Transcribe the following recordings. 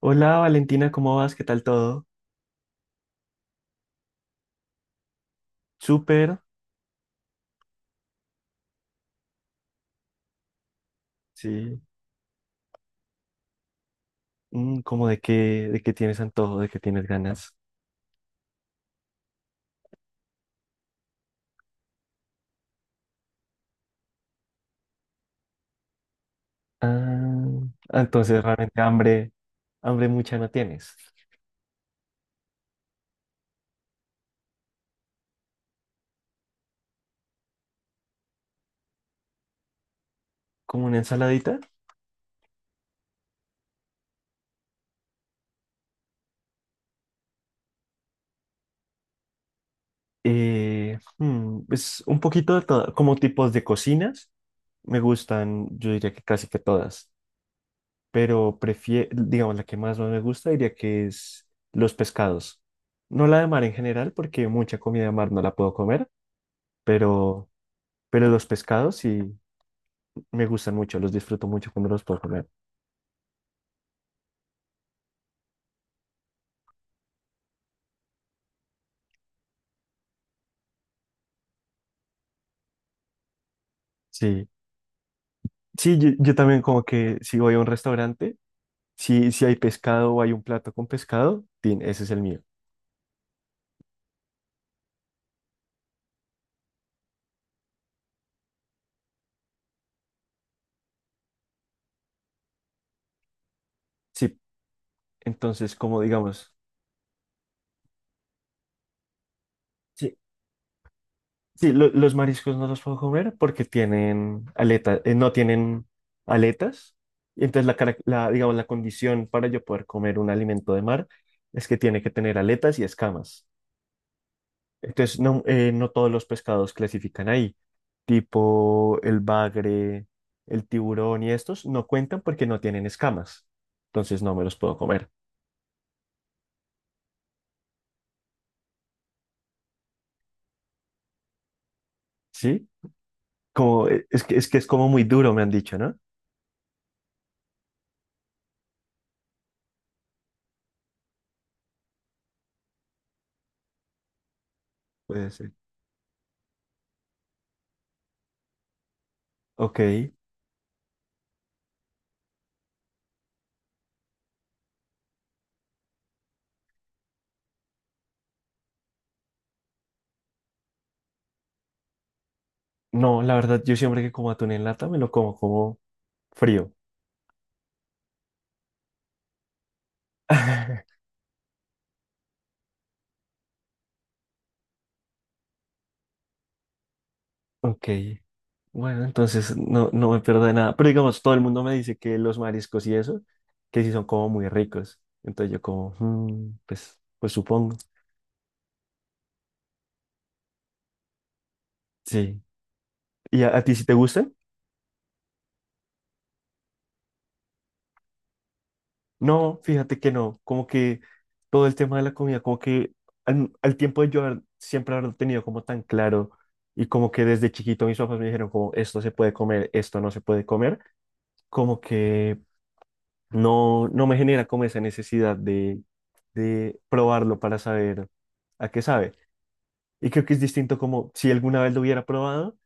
Hola Valentina, ¿cómo vas? ¿Qué tal todo? Súper, sí. ¿Cómo de qué tienes antojo, de qué tienes ganas? Ah, entonces realmente hambre mucha no tienes. Como una ensaladita, pues un poquito de todo, como tipos de cocinas, me gustan, yo diría que casi que todas, pero prefiero, digamos, la que más me gusta diría que es los pescados. No la de mar en general, porque mucha comida de mar no la puedo comer, pero, pero los pescados sí, me gustan mucho, los disfruto mucho cuando los puedo comer. Sí, sí, yo también como que si voy a un restaurante, si hay pescado o hay un plato con pescado, tin, ese es el mío. Sí, entonces como digamos, sí, sí, los mariscos no los puedo comer porque tienen aletas, no tienen aletas. Y entonces digamos, la condición para yo poder comer un alimento de mar es que tiene que tener aletas y escamas. Entonces, no todos los pescados clasifican ahí, tipo el bagre, el tiburón y estos no cuentan porque no tienen escamas. Entonces, no me los puedo comer, ¿sí? Como, es que es como muy duro, me han dicho, ¿no? Puede ser. Ok. No, la verdad, yo siempre que como atún en lata me lo como como frío. Ok. Bueno, entonces no, no me pierdo de nada. Pero digamos, todo el mundo me dice que los mariscos y eso, que sí son como muy ricos. Entonces yo como, "Mm, pues, pues supongo". Sí. ¿Y a ti sí te gusta? No, fíjate que no. Como que todo el tema de la comida, como que al tiempo de yo siempre haberlo tenido como tan claro y como que desde chiquito mis papás me dijeron como esto se puede comer, esto no se puede comer, como que no, no me genera como esa necesidad de probarlo para saber a qué sabe. Y creo que es distinto como si alguna vez lo hubiera probado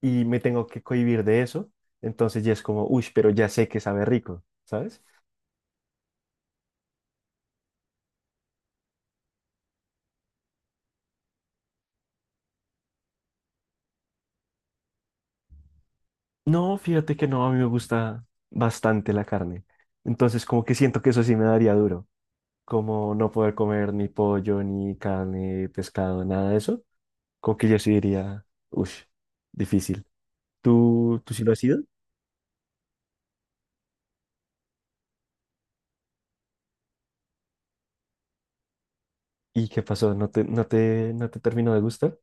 y me tengo que cohibir de eso, entonces ya es como, uy, pero ya sé que sabe rico, ¿sabes? No, fíjate que no, a mí me gusta bastante la carne. Entonces, como que siento que eso sí me daría duro. Como no poder comer ni pollo, ni carne, pescado, nada de eso. Como que yo sí diría, uff, difícil. Tú sí lo has ido? ¿Y qué pasó? ¿No no te terminó de gustar?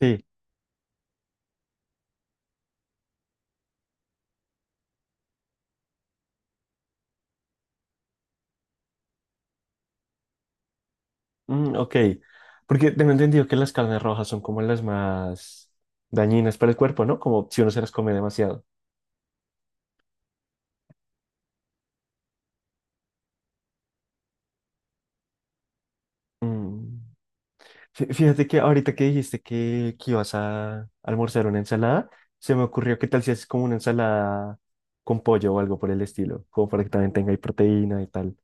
Sí. Mm, ok. Porque tengo entendido que las carnes rojas son como las más dañinas para el cuerpo, ¿no? Como si uno se las come demasiado. Mm. Fíjate que ahorita que dijiste que ibas a almorzar una ensalada, se me ocurrió qué tal si haces como una ensalada con pollo o algo por el estilo, como para que también tenga ahí proteína y tal.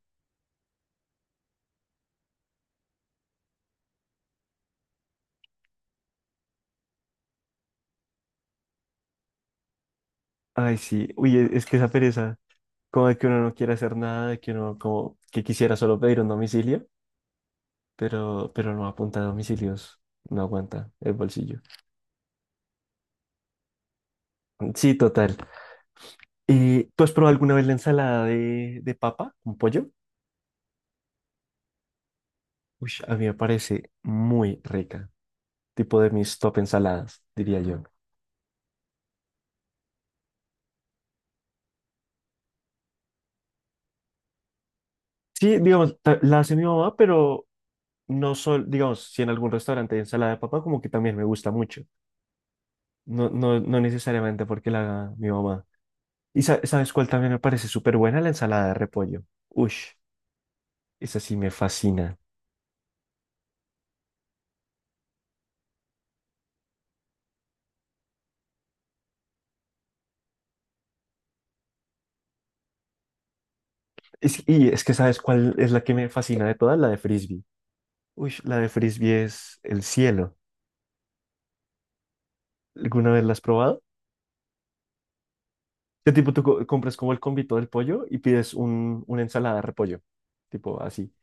Ay, sí, uy, es que esa pereza, como de que uno no quiere hacer nada, de que uno como que quisiera solo pedir un domicilio, pero no apunta a domicilios, no aguanta el bolsillo. Sí, total. ¿Tú has probado alguna vez la ensalada de papa con pollo? Uy, a mí me parece muy rica. Tipo de mis top ensaladas, diría yo. Sí, digamos, la hace mi mamá, pero no sol, digamos, si en algún restaurante hay ensalada de papa, como que también me gusta mucho. No necesariamente porque la haga mi mamá. ¿Y sabes cuál también me parece súper buena? La ensalada de repollo. Ush, esa sí me fascina. Y es que sabes cuál es la que me fascina de todas, la de frisbee. Ush, la de frisbee es el cielo. ¿Alguna vez la has probado? ¿Qué tipo tú compras como el convito del pollo y pides una ensalada de repollo? Tipo así.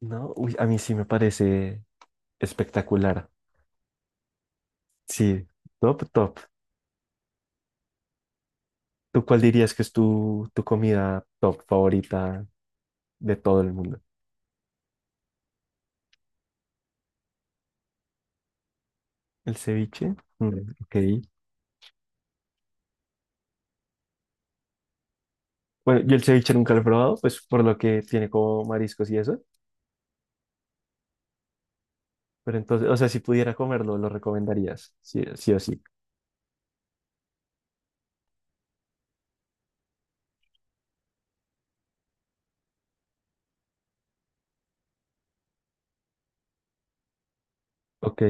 No, uy, a mí sí me parece espectacular. Sí, top, top. ¿Tú cuál dirías que es tu comida top favorita de todo el mundo? ¿El ceviche? Mm, ok. Bueno, yo el ceviche nunca lo he probado, pues por lo que tiene como mariscos y eso. Pero entonces, o sea, si pudiera comerlo, lo recomendarías. Sí, sí o sí. Ok,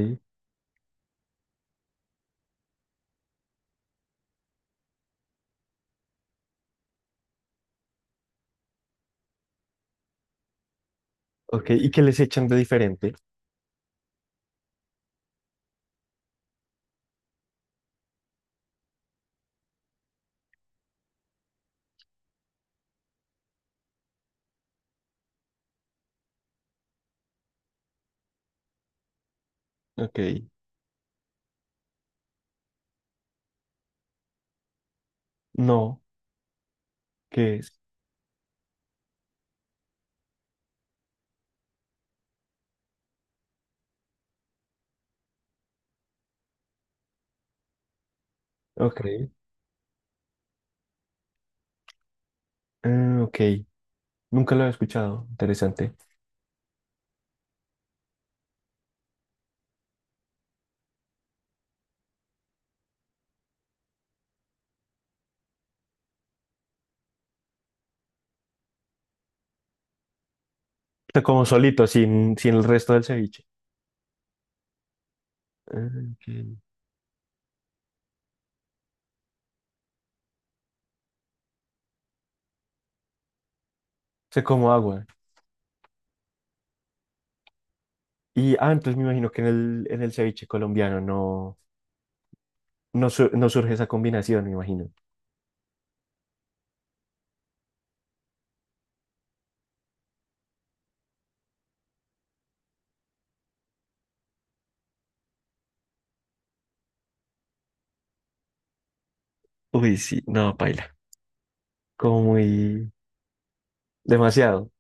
ok. ¿Y qué les echan de diferente? Ok. No, ¿qué es? Ok. Ah, ok. Nunca lo he escuchado. Interesante. Te como solito, sin el resto del ceviche. Ah, ok. Sé como agua. Y ah, entonces me imagino que en en el ceviche colombiano no surge esa combinación, me imagino. Uy, sí, no, paila. Como muy demasiado.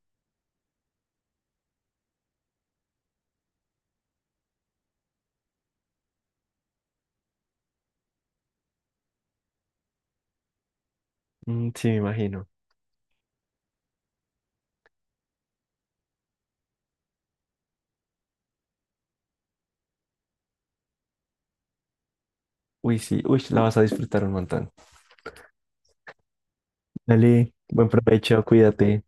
Mm, sí, me imagino. Uy, sí, uy, la vas a disfrutar un montón. Dale, buen provecho, cuídate.